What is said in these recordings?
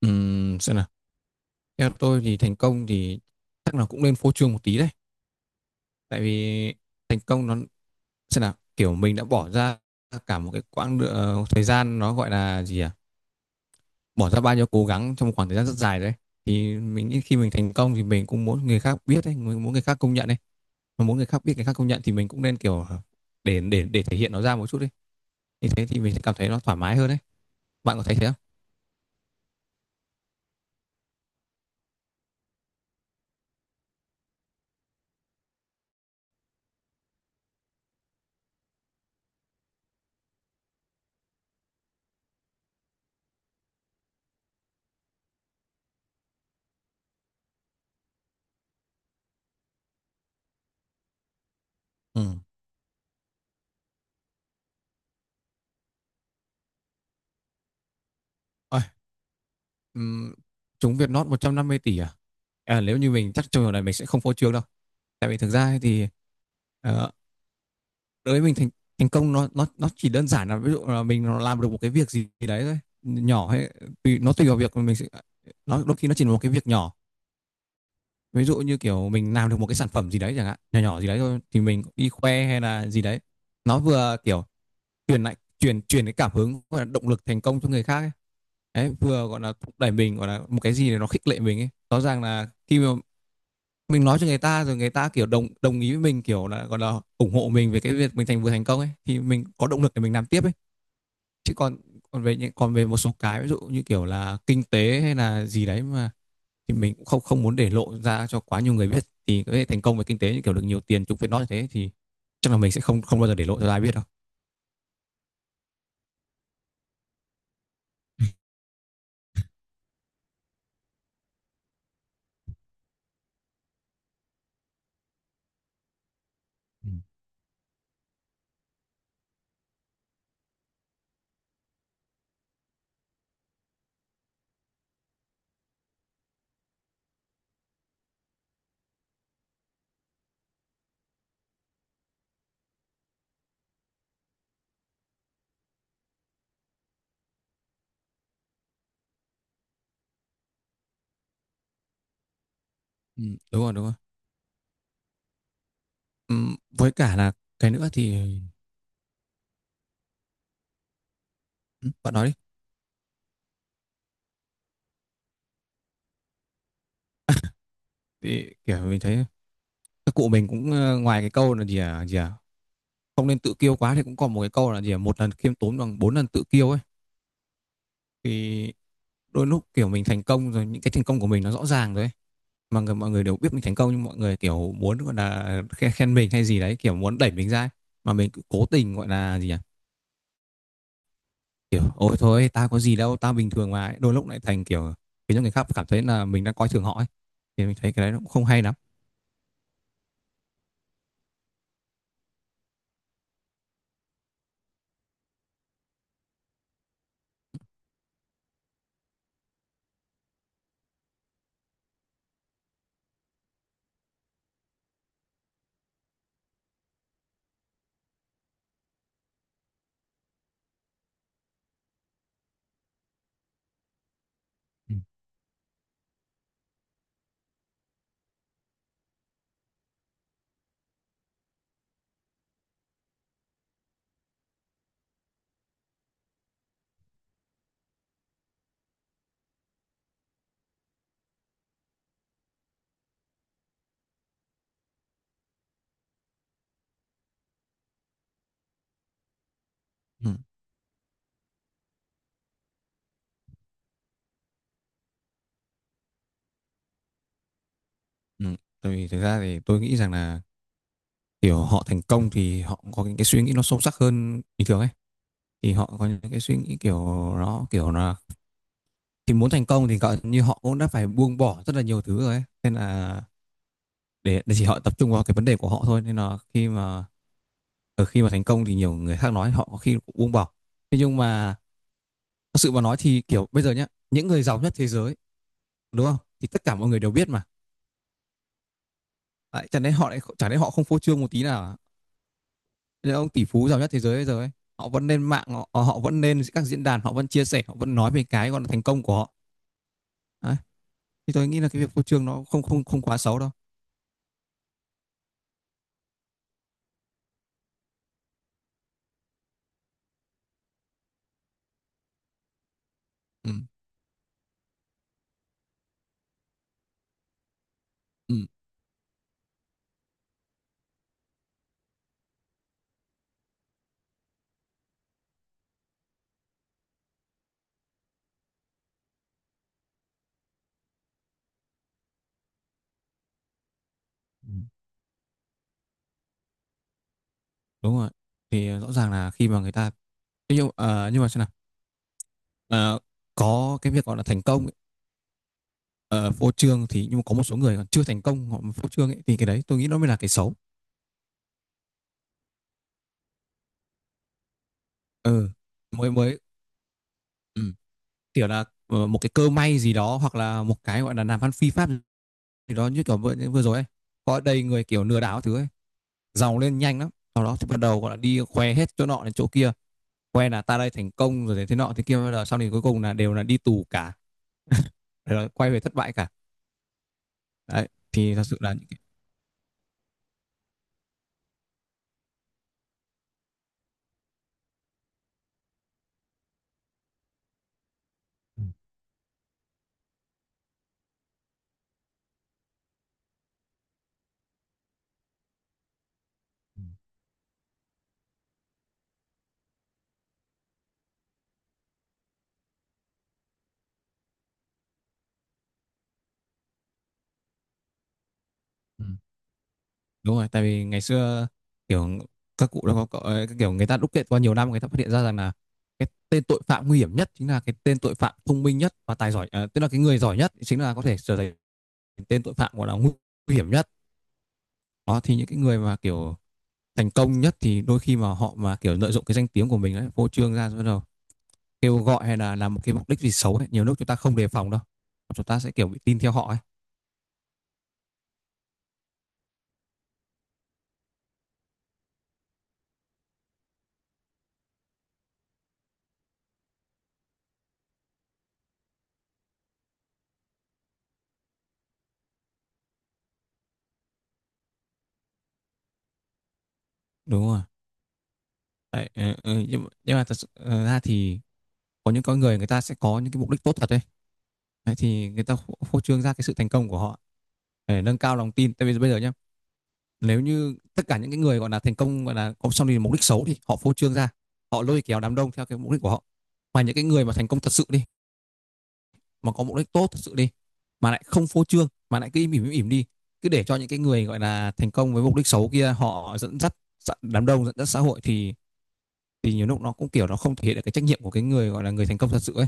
Xem nào, theo tôi thì thành công thì chắc là cũng nên phô trương một tí đấy, tại vì thành công nó, xem nào, kiểu mình đã bỏ ra cả một cái thời gian nó gọi là gì à, bỏ ra bao nhiêu cố gắng trong một khoảng thời gian rất dài đấy, thì mình nghĩ khi mình thành công thì mình cũng muốn người khác biết đấy, mình muốn người khác công nhận đấy. Mà muốn người khác biết, người khác công nhận thì mình cũng nên kiểu để thể hiện nó ra một chút đi. Như thế thì mình sẽ cảm thấy nó thoải mái hơn đấy. Bạn có thấy thế không? Ừ. Ôi, ừm, chúng Vietnot 150 tỷ à? À, nếu như mình, chắc trong trường này mình sẽ không phô trương đâu. Tại vì thực ra ấy thì, ờ, đối với mình, thành thành công nó chỉ đơn giản là, ví dụ là mình làm được một cái việc gì đấy thôi, nhỏ hay tùy, nó tùy vào việc mà mình sẽ, nó đôi khi nó chỉ là một cái việc nhỏ. Ví dụ như kiểu mình làm được một cái sản phẩm gì đấy chẳng hạn, nhỏ nhỏ gì đấy thôi, thì mình đi khoe hay là gì đấy, nó vừa kiểu truyền lại truyền truyền cái cảm hứng, gọi là động lực thành công cho người khác ấy. Đấy, vừa gọi là thúc đẩy mình, gọi là một cái gì để nó khích lệ mình ấy. Rõ ràng là khi mà mình nói cho người ta rồi, người ta kiểu đồng đồng ý với mình, kiểu là gọi là ủng hộ mình về cái việc mình vừa thành công ấy, thì mình có động lực để mình làm tiếp ấy. Chứ còn, còn về những còn về một số cái ví dụ như kiểu là kinh tế hay là gì đấy mà, thì mình cũng không không muốn để lộ ra cho quá nhiều người biết, thì cái thành công về kinh tế như kiểu được nhiều tiền, chúng phải nói như thế, thì chắc là mình sẽ không không bao giờ để lộ cho ai biết đâu. Ừ. Ừ, đúng rồi, đúng rồi. Với cả là cái nữa thì, ừ, bạn nói đi. Thì kiểu mình thấy các cụ mình cũng, ngoài cái câu là gì à không nên tự kiêu quá, thì cũng còn một cái câu là gì à, một lần khiêm tốn bằng bốn lần tự kiêu ấy. Thì đôi lúc kiểu mình thành công rồi, những cái thành công của mình nó rõ ràng rồi ấy, mà mọi người đều biết mình thành công, nhưng mọi người kiểu muốn gọi là khen mình hay gì đấy, kiểu muốn đẩy mình ra ấy. Mà mình cứ cố tình gọi là gì à, kiểu "ôi thôi, tao có gì đâu, tao bình thường mà ấy," đôi lúc lại thành kiểu khiến cho người khác cảm thấy là mình đang coi thường họ ấy, thì mình thấy cái đấy nó cũng không hay lắm. Ừ, ừ. Tại vì thực ra thì tôi nghĩ rằng là kiểu họ thành công thì họ cũng có những cái suy nghĩ nó sâu sắc hơn bình thường ấy, thì họ có những cái suy nghĩ kiểu, nó kiểu là, thì muốn thành công thì gọi như họ cũng đã phải buông bỏ rất là nhiều thứ rồi ấy, nên là để chỉ họ tập trung vào cái vấn đề của họ thôi, nên là khi mà, ở khi mà thành công thì nhiều người khác nói họ có khi cũng buông bỏ. Thế nhưng mà thật sự mà nói thì kiểu bây giờ nhá, những người giàu nhất thế giới, đúng không, thì tất cả mọi người đều biết mà. Đấy, chẳng lẽ họ lại, chẳng lẽ họ không phô trương một tí nào à? Những ông tỷ phú giàu nhất thế giới bây giờ ấy, họ vẫn lên mạng họ, họ vẫn lên các diễn đàn, họ vẫn chia sẻ, họ vẫn nói về cái gọi là thành công của họ. Đấy, thì tôi nghĩ là cái việc phô trương nó không không không quá xấu đâu. Ừ. Ừ. Ừ, đúng rồi. Thì rõ ràng là khi mà người ta, thế nhưng nhưng mà, xem nào, Ờ, có cái việc gọi là thành công ấy, ờ, phô trương thì, nhưng mà có một số người còn chưa thành công, họ mà phô trương ấy, thì cái đấy tôi nghĩ nó mới là cái xấu. Ừ. mới mới. Ừ. Kiểu là, một cái cơ may gì đó, hoặc là một cái gọi là làm ăn phi pháp, thì đó như kiểu vừa rồi ấy, có đầy người kiểu lừa đảo thứ ấy, giàu lên nhanh lắm, sau đó thì bắt đầu gọi là đi khoe hết chỗ nọ đến chỗ kia, khoe là ta đây thành công rồi, thế nọ thế kia, rồi sau này cuối cùng là đều là đi tù cả. Rồi quay về thất bại cả. Đấy thì thật sự là những cái... Ừ, đúng rồi. Tại vì ngày xưa kiểu các cụ đó có kiểu người ta đúc kết qua nhiều năm, người ta phát hiện ra rằng là cái tên tội phạm nguy hiểm nhất chính là cái tên tội phạm thông minh nhất và tài giỏi à, tức là cái người giỏi nhất chính là có thể trở thành tên tội phạm, gọi là nguy hiểm nhất. Đó, thì những cái người mà kiểu thành công nhất thì đôi khi mà họ mà kiểu lợi dụng cái danh tiếng của mình ấy, phô trương ra rồi bắt đầu kêu gọi hay là làm một cái mục đích gì xấu ấy. Nhiều lúc chúng ta không đề phòng đâu. Chúng ta sẽ kiểu bị tin theo họ ấy. Đúng rồi. Đấy, ừ, ừ, nhưng mà thật sự ra thì có những con người, người ta sẽ có những cái mục đích tốt thật đấy. Đấy, thì người ta phô phô trương ra cái sự thành công của họ để nâng cao lòng tin. Tại vì bây giờ nhá, nếu như tất cả những cái người gọi là thành công, gọi là có xong thì mục đích xấu, thì họ phô trương ra, họ lôi kéo đám đông theo cái mục đích của họ. Mà những cái người mà thành công thật sự đi, mà có mục đích tốt thật sự đi, mà lại không phô trương, mà lại cứ im ỉm đi, cứ để cho những cái người gọi là thành công với mục đích xấu kia họ dẫn dắt đám đông, dẫn dắt xã hội thì nhiều lúc nó cũng kiểu nó không thể hiện được cái trách nhiệm của cái người gọi là người thành công thật sự ấy.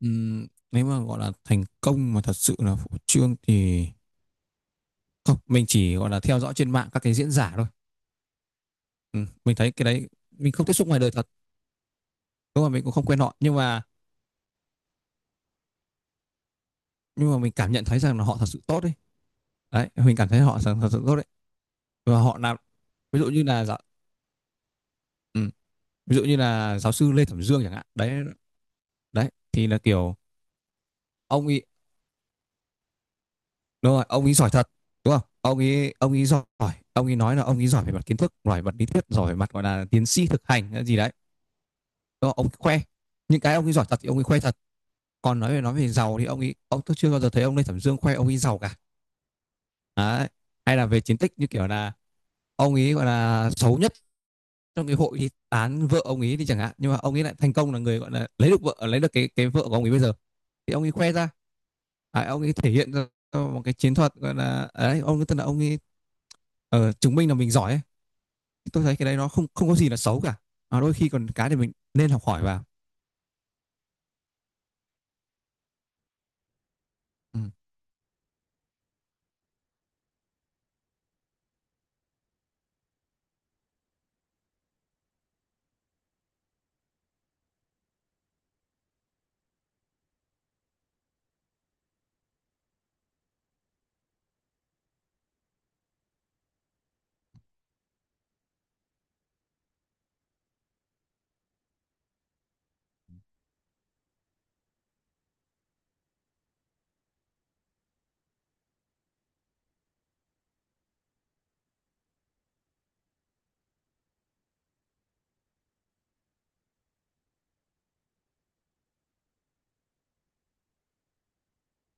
Nếu mà gọi là thành công mà thật sự là phô trương thì không, mình chỉ gọi là theo dõi trên mạng các cái diễn giả thôi. Mình thấy cái đấy mình không tiếp xúc ngoài đời thật. Đúng là mình cũng không quen họ, nhưng mà mình cảm nhận thấy rằng là họ thật sự tốt đấy. Đấy, mình cảm thấy họ thật sự tốt đấy. Và họ làm, ví dụ như là ừ, ví dụ như là giáo sư Lê Thẩm Dương chẳng hạn đấy. Đấy thì là kiểu ông ấy, đúng rồi, ông ấy giỏi thật, đúng không, ông ấy giỏi. Ông ấy nói là ông ấy giỏi về mặt kiến thức, giỏi về mặt lý thuyết, giỏi về mặt gọi là tiến sĩ thực hành hay gì đấy, đúng. Ông ấy khoe những cái ông ấy giỏi thật thì ông ấy khoe thật. Còn nói về, nói về giàu thì ông ấy ông tôi chưa bao giờ thấy ông Lê Thẩm Dương khoe ông ấy giàu cả. Đấy. Hay là về chiến tích như kiểu là ông ấy gọi là xấu nhất trong cái hội thì tán vợ ông ấy thì chẳng hạn, nhưng mà ông ấy lại thành công là người gọi là lấy được vợ, lấy được cái vợ của ông ấy bây giờ, thì ông ấy khoe ra, à, ông ấy thể hiện ra một cái chiến thuật, gọi là đấy, ông ấy, tức là ông ấy chứng minh là mình giỏi ấy. Tôi thấy cái đấy nó không không có gì là xấu cả. À, đôi khi còn cái thì mình nên học hỏi vào. Ừ.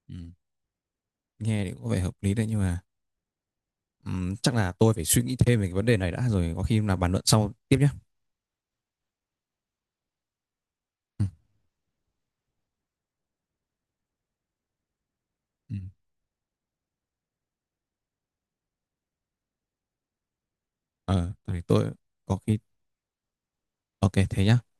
Ừ. Nghe thì có vẻ hợp lý đấy, nhưng mà chắc là tôi phải suy nghĩ thêm về cái vấn đề này đã rồi có khi là bàn luận sau tiếp nhé. Ừ. Ừ. Ờ, thì tôi có khi, ok thế nhá.